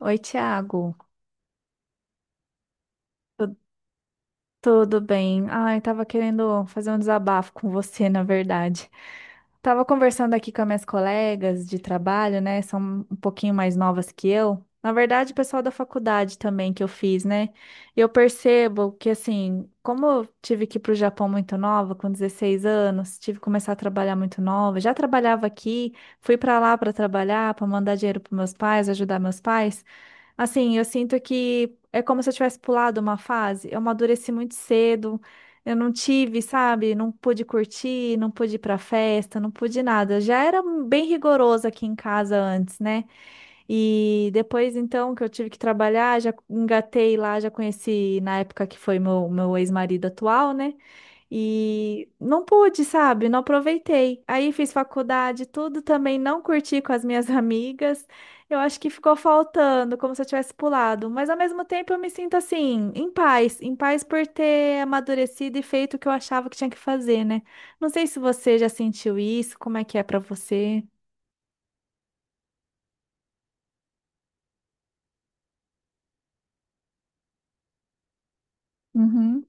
Oi, Thiago. Tu- Tudo bem? Ai, tava querendo fazer um desabafo com você, na verdade. Tava conversando aqui com as minhas colegas de trabalho, né? São um pouquinho mais novas que eu. Na verdade, o pessoal da faculdade também que eu fiz, né? E eu percebo que, assim, como eu tive que ir para o Japão muito nova, com 16 anos, tive que começar a trabalhar muito nova. Já trabalhava aqui, fui para lá para trabalhar, para mandar dinheiro para meus pais, ajudar meus pais. Assim, eu sinto que é como se eu tivesse pulado uma fase. Eu amadureci muito cedo. Eu não tive, sabe? Não pude curtir, não pude ir pra festa, não pude nada. Já era bem rigoroso aqui em casa antes, né? E depois, então, que eu tive que trabalhar, já engatei lá, já conheci na época que foi meu ex-marido atual, né? E não pude, sabe? Não aproveitei. Aí fiz faculdade, tudo também não curti com as minhas amigas. Eu acho que ficou faltando, como se eu tivesse pulado. Mas ao mesmo tempo eu me sinto assim, em paz por ter amadurecido e feito o que eu achava que tinha que fazer, né? Não sei se você já sentiu isso, como é que é pra você? Uhum,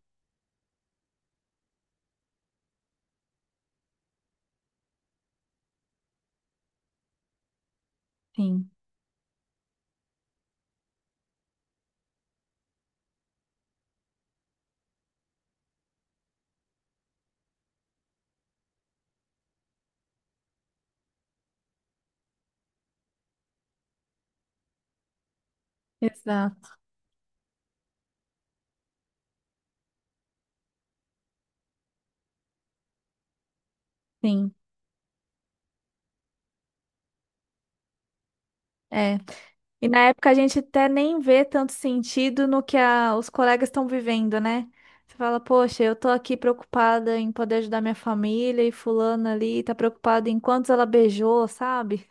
sim. Exato, sim. É. E na época a gente até nem vê tanto sentido no que os colegas estão vivendo, né? Você fala, poxa, eu tô aqui preocupada em poder ajudar minha família e fulana ali tá preocupada em quantos ela beijou, sabe?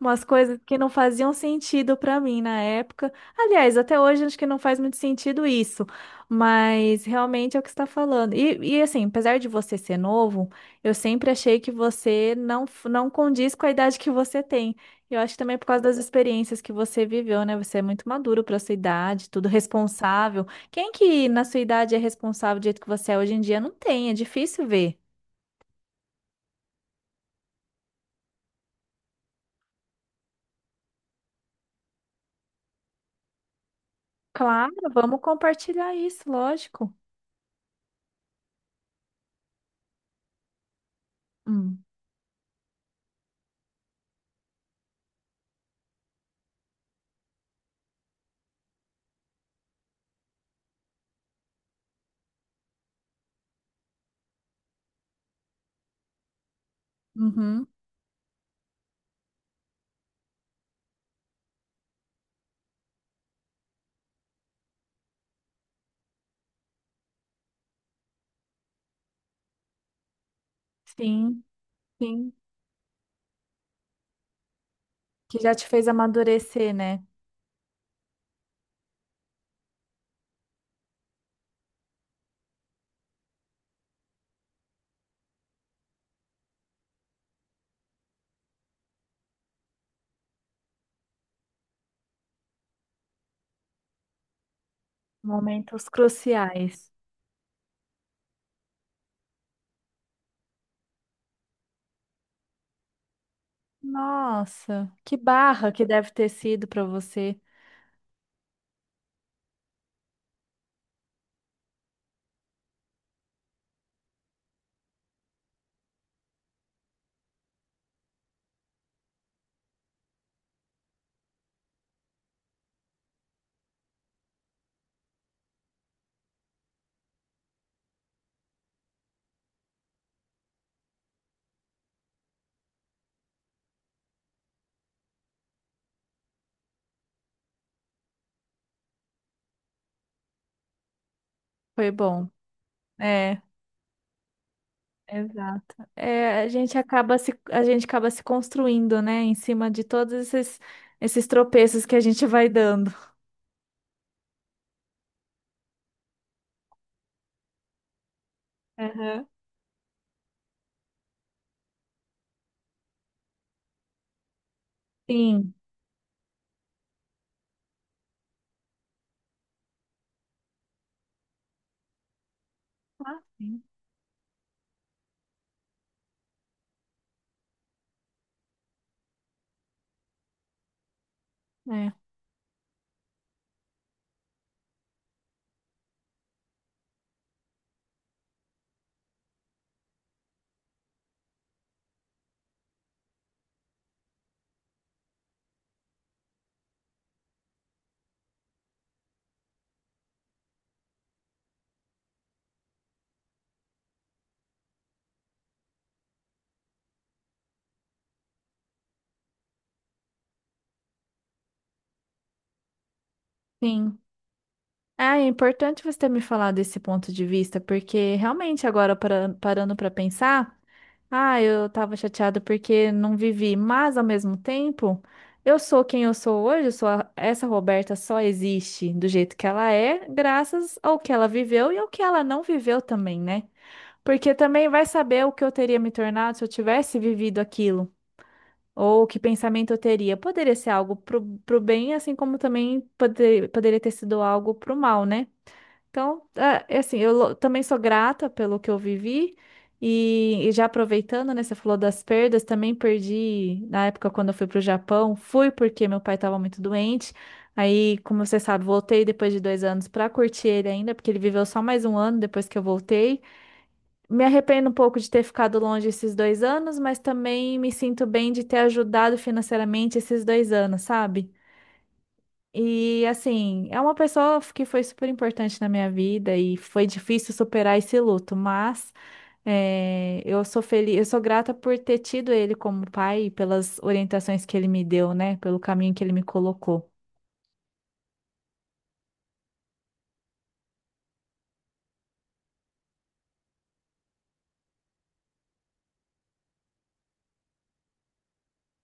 Umas coisas que não faziam sentido pra mim na época. Aliás, até hoje acho que não faz muito sentido isso, mas realmente é o que você está falando. Assim, apesar de você ser novo, eu sempre achei que você não condiz com a idade que você tem. Eu acho que também é por causa das experiências que você viveu, né? Você é muito maduro para sua idade, tudo responsável. Quem que na sua idade é responsável do jeito que você é hoje em dia? Não tem, é difícil ver. Claro, vamos compartilhar isso, lógico. Hum. Uhum. Sim, sim. Que já te fez amadurecer, né? Momentos cruciais. Nossa, que barra que deve ter sido para você. Foi bom. É, exato. É, a gente acaba se, a gente acaba se construindo, né? Em cima de todos esses, esses tropeços que a gente vai dando. Aham. Sim. Ah, sim. É, sim. Ah, é importante você ter me falado desse ponto de vista, porque realmente agora, parando para pensar. Ah, eu tava chateada porque não vivi, mas ao mesmo tempo, eu sou quem eu sou hoje, eu sou essa Roberta só existe do jeito que ela é, graças ao que ela viveu e ao que ela não viveu também, né? Porque também vai saber o que eu teria me tornado se eu tivesse vivido aquilo, ou que pensamento eu teria. Poderia ser algo pro bem, assim como também poderia ter sido algo pro mal, né? Então, ah, é assim, eu também sou grata pelo que eu vivi e já aproveitando, né, você falou das perdas, também perdi na época quando eu fui para o Japão, fui porque meu pai estava muito doente. Aí, como você sabe, voltei depois de 2 anos para curtir ele ainda, porque ele viveu só mais um ano depois que eu voltei. Me arrependo um pouco de ter ficado longe esses 2 anos, mas também me sinto bem de ter ajudado financeiramente esses 2 anos, sabe? E assim, é uma pessoa que foi super importante na minha vida e foi difícil superar esse luto, mas eu sou feliz, eu sou grata por ter tido ele como pai e pelas orientações que ele me deu, né? Pelo caminho que ele me colocou.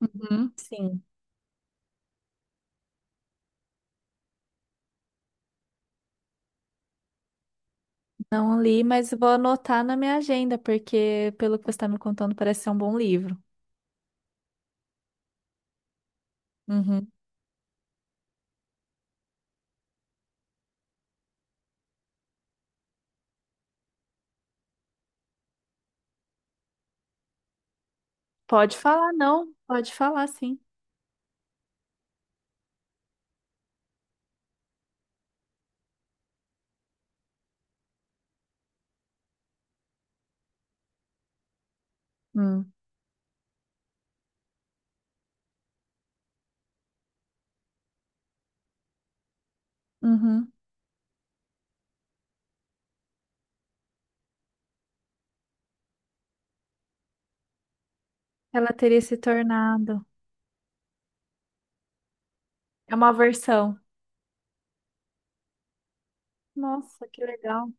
Uhum, sim, não li, mas vou anotar na minha agenda, porque pelo que você está me contando, parece ser um bom livro. Uhum. Pode falar, não, pode falar, sim. Hum, uhum. Ela teria se tornado. É uma versão. Nossa, que legal.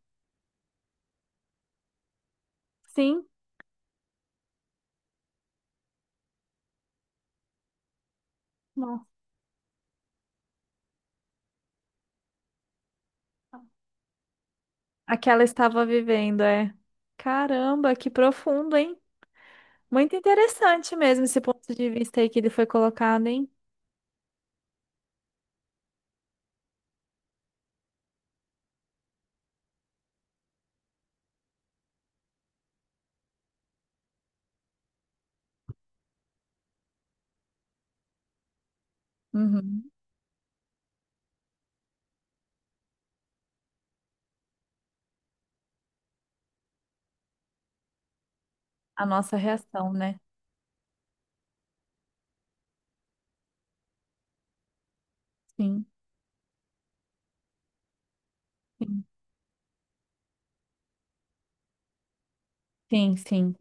Sim. Nossa. A que ela estava vivendo, é. Caramba, que profundo, hein? Muito interessante mesmo esse ponto de vista aí que ele foi colocado, hein? Uhum. A nossa reação, né? Sim, sim, sim, sim.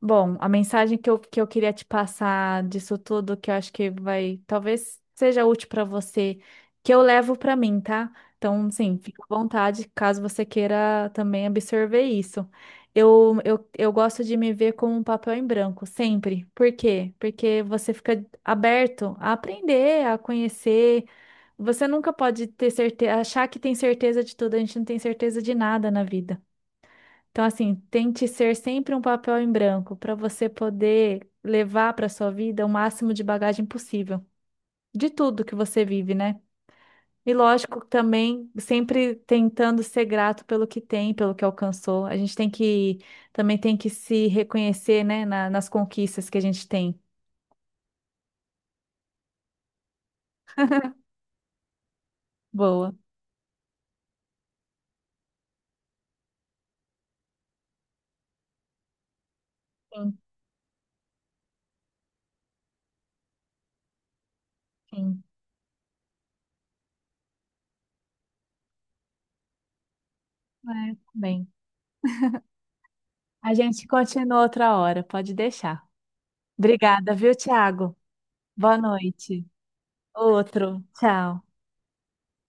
Bom, a mensagem que eu queria te passar disso tudo, que eu acho que vai, talvez seja útil para você, que eu levo para mim, tá? Então, sim, fica à vontade, caso você queira também absorver isso. Eu gosto de me ver como um papel em branco, sempre. Por quê? Porque você fica aberto a aprender, a conhecer. Você nunca pode ter certeza, achar que tem certeza de tudo, a gente não tem certeza de nada na vida. Então, assim, tente ser sempre um papel em branco para você poder levar para sua vida o máximo de bagagem possível, de tudo que você vive, né? E lógico, também sempre tentando ser grato pelo que tem, pelo que alcançou. A gente tem que também tem que se reconhecer, né, nas conquistas que a gente tem. Boa. Sim, sim. É, bem. A gente continua outra hora, pode deixar. Obrigada, viu, Thiago? Boa noite. Outro. Tchau.